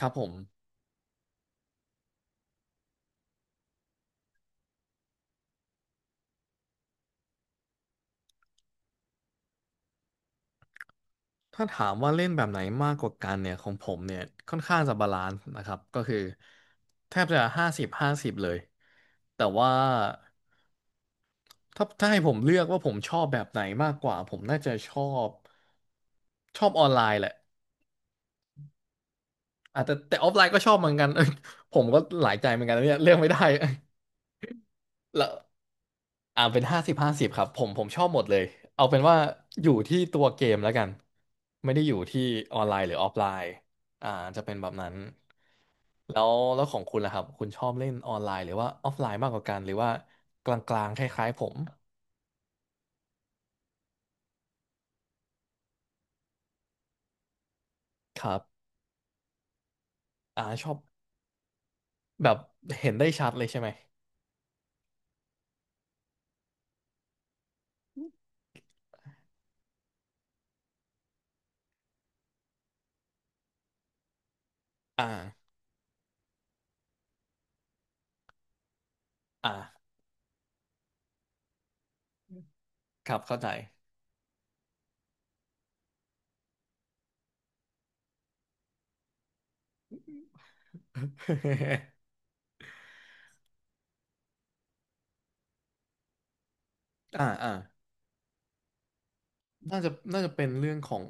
ครับผมถ้าถามว่าเล่นแบบไหนมากกว่ากันเนี่ยของผมเนี่ยค่อนข้างจะบาลานซ์นะครับก็คือแทบจะห้าสิบห้าสิบเลยแต่ว่าถ้าให้ผมเลือกว่าผมชอบแบบไหนมากกว่าผมน่าจะบชอบออนไลน์แหละอาจจะแต่ออฟไลน์ก็ชอบเหมือนกัน เอ้ยผมก็หลายใจเหมือนกันนะเนี่ยเลือกไม่ได้ แล้ว เป็นห้าสิบห้าสิบครับผมชอบหมดเลยเอาเป็นว่าอยู่ที่ตัวเกมแล้วกันไม่ได้อยู่ที่ออนไลน์หรือออฟไลน์อ่าจะเป็นแบบนั้นแล้วของคุณล่ะครับคุณชอบเล่นออนไลน์หรือว่าออฟไลน์มากกว่ากันหรือว่ากลางๆคล้ายๆผมครับอ่าชอบแบบเห็นได้ชัดเลยใช่ไหมอ่าอ่าครับเข้าใจ อ่าอ่า น่าจะน่าจะเป็นเรื่องของ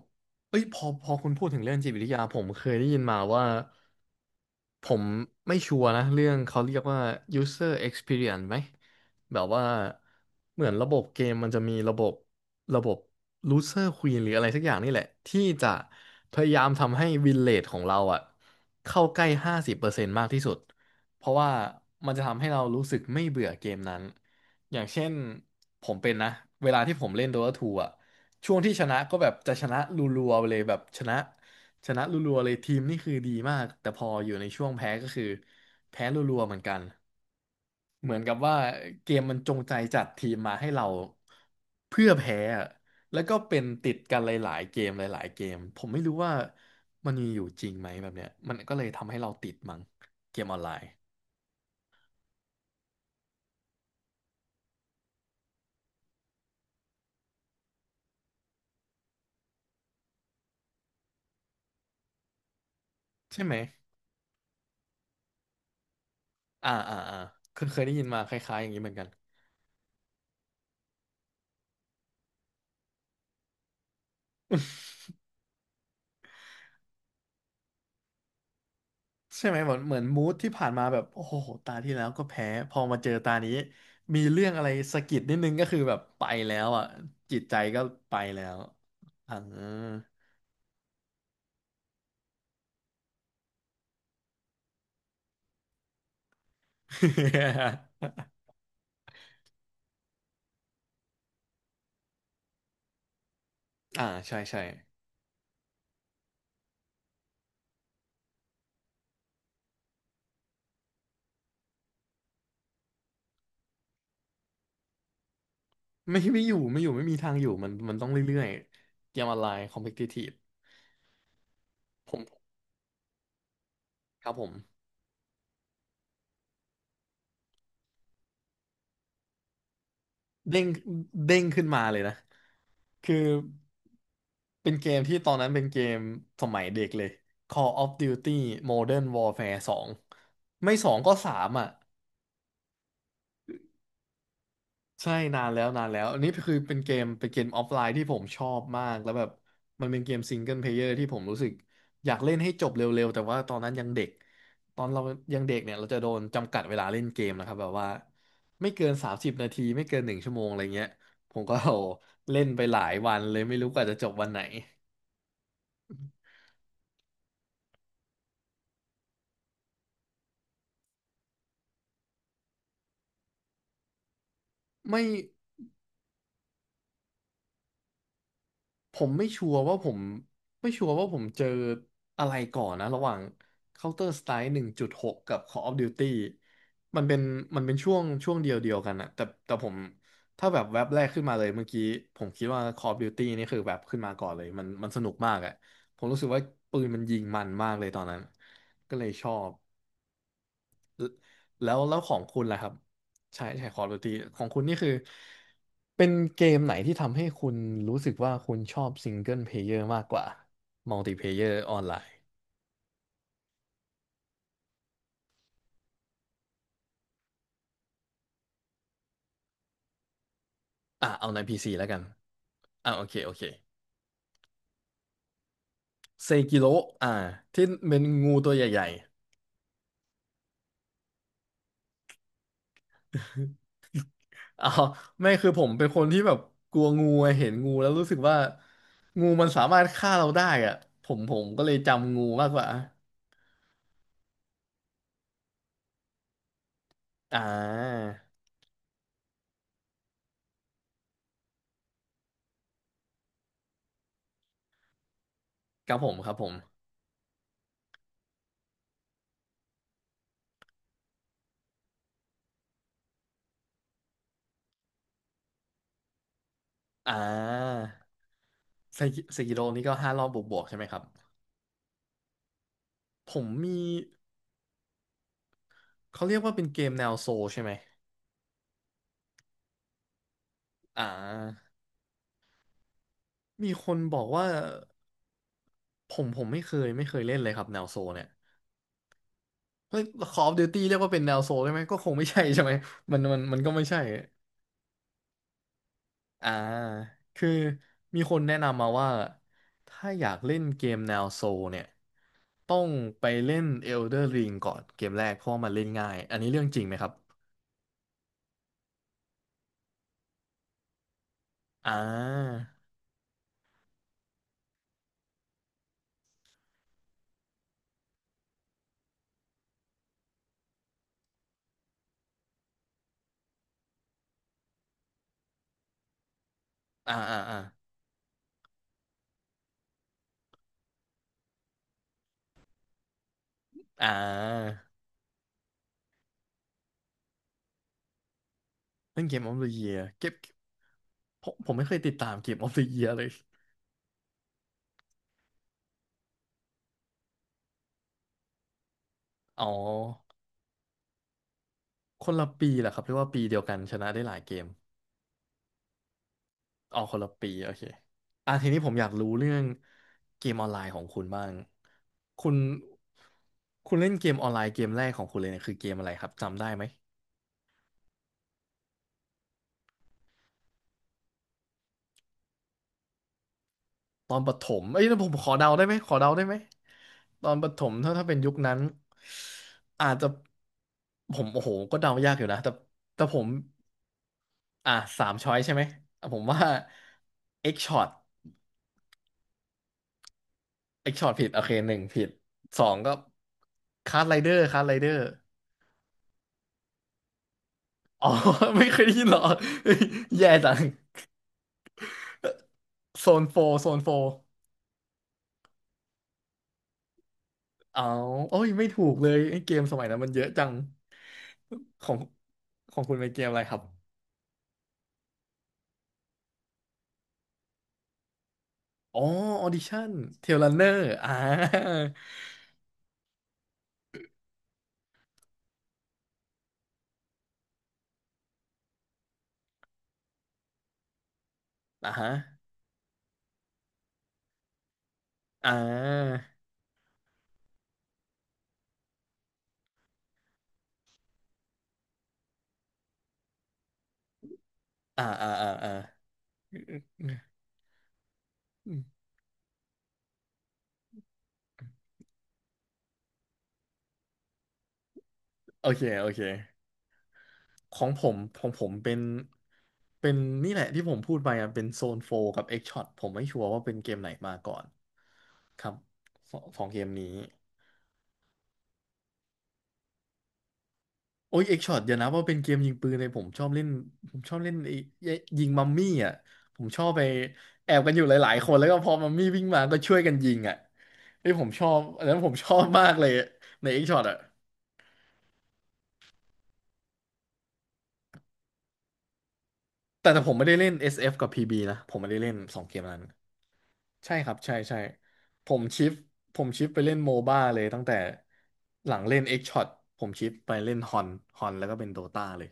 เอ้ยพอคุณพูดถึงเรื่องจิตวิทยาผมเคยได้ยินมาว่าผมไม่ชัวร์นะเรื่องเขาเรียกว่า user experience ไหมแบบว่าเหมือนระบบเกมมันจะมีระบบระบบ loser queen หรืออะไรสักอย่างนี่แหละที่จะพยายามทำให้ win rate ของเราอะเข้าใกล้50%มากที่สุดเพราะว่ามันจะทำให้เรารู้สึกไม่เบื่อเกมนั้นอย่างเช่นผมเป็นนะเวลาที่ผมเล่น Dota 2อ่ะ ช่วงที่ชนะก็แบบจะชนะรัวๆไปเลยแบบชนะรัวๆเลยทีมนี่คือดีมากแต่พออยู่ในช่วงแพ้ก็คือแพ้รัวๆเหมือนกันเหมือนกับว่าเกมมันจงใจจัดทีมมาให้เราเพื่อแพ้อะแล้วก็เป็นติดกันหลายๆเกมหลายๆเกมผมไม่รู้ว่ามันมีอยู่จริงไหมแบบเนี้ยมันก็เลยทำให้เราติดมั้งเกมออนไลน์ใช่ไหมอ่าอ่าอ่าเคยได้ยินมาคล้ายๆอย่างนี้เหมือนกัน ใช่ไหมเหมือนมูดที่ผ่านมาแบบโอ้โหตาที่แล้วก็แพ้พอมาเจอตานี้มีเรื่องอะไรสะกิดนิดนึงก็คือแบบไปแล้วอ่ะจิตใจก็ไปแล้วอ่า อ่าใช่ใช่ไม่อยู่ไม่มีทางอยู่มันต้องเรื่อยๆเกมออนไลน์คอมเพทิทีฟผมครับผมเด้งเด้งขึ้นมาเลยนะ คือเป็นเกมที่ตอนนั้นเป็นเกมสมัยเด็กเลย Call of Duty Modern Warfare 2ไม่สองก็สามอ่ะใช่นานแล้วนานแล้วอันนี้คือเป็นเกมออฟไลน์ที่ผมชอบมากแล้วแบบมันเป็นเกมซิงเกิลเพลเยอร์ที่ผมรู้สึกอยากเล่นให้จบเร็วๆแต่ว่าตอนนั้นยังเด็กตอนเรายังเด็กเนี่ยเราจะโดนจำกัดเวลาเล่นเกมนะครับแบบว่าไม่เกิน30นาทีไม่เกินหนึ่งชั่วโมงอะไรเงี้ยผมก็ เล่นไปหลายวันเลยไม่รู้กว่าจะจบวันไหนไม่ ผมไม่ชัวร์ว่าผมไม่ชัวร์ว่าผมเจออะไรก่อนนะระหว่าง Counter Strike 1.6กกับ Call of Duty มันเป็นมันเป็นช่วงเดียวกันอะแต่ผมถ้าแบบแว็บแรกขึ้นมาเลยเมื่อกี้ผมคิดว่า Call of Duty นี่คือแบบขึ้นมาก่อนเลยมันสนุกมากอะผมรู้สึกว่าปืนมันยิงมันมากเลยตอนนั้นก็เลยชอบ แล้วของคุณล่ะครับใช่ใช่ Call of Duty ของคุณนี่คือเป็นเกมไหนที่ทำให้คุณรู้สึกว่าคุณชอบซิงเกิลเพลเยอร์มากกว่ามัลติเพลเยอร์ออนไลน์อ่ะเอาใน PC แล้วกันอ่ะโอเคโอเคเซกิโรอ่ะที่เป็นงูตัวใหญ่ๆอ๋อไม่คือผมเป็นคนที่แบบกลัวงูอะเห็นงูแล้วรู้สึกว่างูมันสามารถฆ่าเราได้อ่ะผมก็เลยจำงูมากกว่าอ่าครับผมครับผมอ่า เซกิโรนี่ก็ห้ารอบบวกๆใช่ไหมครับผมมีเขาเรียกว่าเป็นเกมแนวโซลใช่ไหมอ่ามีคนบอกว่าผมไม่เคยเล่นเลยครับแนวโซลเนี่ยเฮ้ย Call of Duty เรียกว่าเป็นแนวโซลได้ไหมก็คงไม่ใช่ใช่ไหม มันก็ไม่ใช่อ่าคือมีคนแนะนำมาว่าถ้าอยากเล่นเกมแนวโซลเนี่ยต้องไปเล่น Elder Ring ก่อนเกมแรกเพราะว่ามันเล่นง่ายอันนี้เรื่องจริงไหมครับอ่าอ่าอ่าอ่าอ่า เล่นเกมออฟเดอียเก็บผมไม่เคยติดตามเกมออฟเดอียเลยอ๋อคนละปีแหละครับเรียว่าปีเดียวกันชนะได้หลายเกมอ๋อคนละปีโอเคอ่ะทีนี้ผมอยากรู้เรื่องเกมออนไลน์ของคุณบ้างคุณคุณเล่นเกมออนไลน์เกมแรกของคุณเลยเนี่ยคือเกมอะไรครับจำได้ไหมตอนประถมเอ้ยแล้วผมขอเดาได้ไหมขอเดาได้ไหมตอนประถมถ้าเป็นยุคนั้นอาจจะผมโอ้โหก็เดายากอยู่นะแต่ผม อ่ะสามช้อยใช่ไหมอ่ะผมว่า X shot X shot ผิดโอเคหนึ่งผิดสองก็คาร์ d ไรเดอร์ คาร์ d ไรเดอร์อ๋อ ไม่เคยได้ยินเหรอเฮ้ยแย่จังโซนโฟโซนโฟเอาโอ้ยไม่ถูกเลยไอ้เกมสมัยนั้นมันเยอะจังของของคุณเป็นเกมอะไรครับอ๋อออดิชั่นเทล l ันเนอร์อ่าอ่าฮะอ่าอ่าอ่าอ่าอ่าโอเคโอเคของผมเป็น เป็นนี่แหละที่ผมพูดไปอ่ะเป็นโซนโฟกับเอ็กช็อตผมไม่ชัวร์ว่าเป็นเกมไหนมาก่อนครับสองเกมนี้โอ้ยเอ็กช็อตเดี๋ยวนะว่าเป็นเกมยิงปืนเลยผมชอบเล่นผมชอบเล่นไอ้ยิงมัมมี่อ่ะผมชอบไปแอบกันอยู่หลายๆคนแล้วก็พอมัมมี่วิ่งมาก็ช่วยกันยิงอ่ะไอ้ยผมชอบอันนั้นผมชอบมากเลยในเอ็กช็อตอ่ะแต่ผมไม่ได้เล่น SF กับ PB นะผมไม่ได้เล่นสองเกมนั้น ใช่ครับใช่ใช่ผมชิฟผมชิฟไปเล่นโมบ้าเลยตั้งแต่หลังเล่น X Shot ผมชิฟไปเล่นฮอนฮอนแล้วก็เป็นโดตาเลย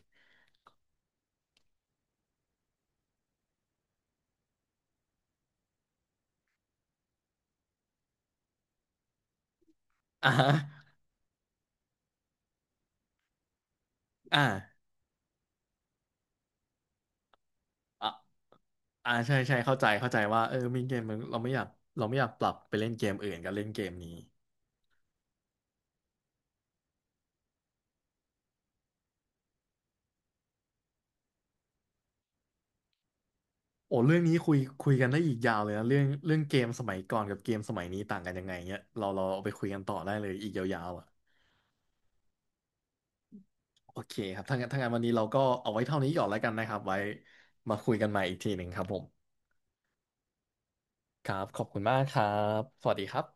อ่าฮะอ่าอ่าอ่าใช่ใช่เข้าใจว่าเออมีเกมมันเราไม่อยากปรับไปเล่นเกมอื่นกับเล่นเกมนี้โอ้เรื่องนี้คุยกันได้อีกยาวเลยนะเรื่องเกมสมัยก่อนกับเกมสมัยนี้ต่างกันยังไงเนี้ยเราเอาไปคุยกันต่อได้เลยอีกยาวๆอ่ะโอเคครับถ้างั้นวันนี้เราก็เอาไว้เท่านี้ก่อนแล้วกันนะครับไว้มาคุยกันใหม่อีกทีหนึ่งครับผม ครับขอบคุณมากครับ สวัสดีครับ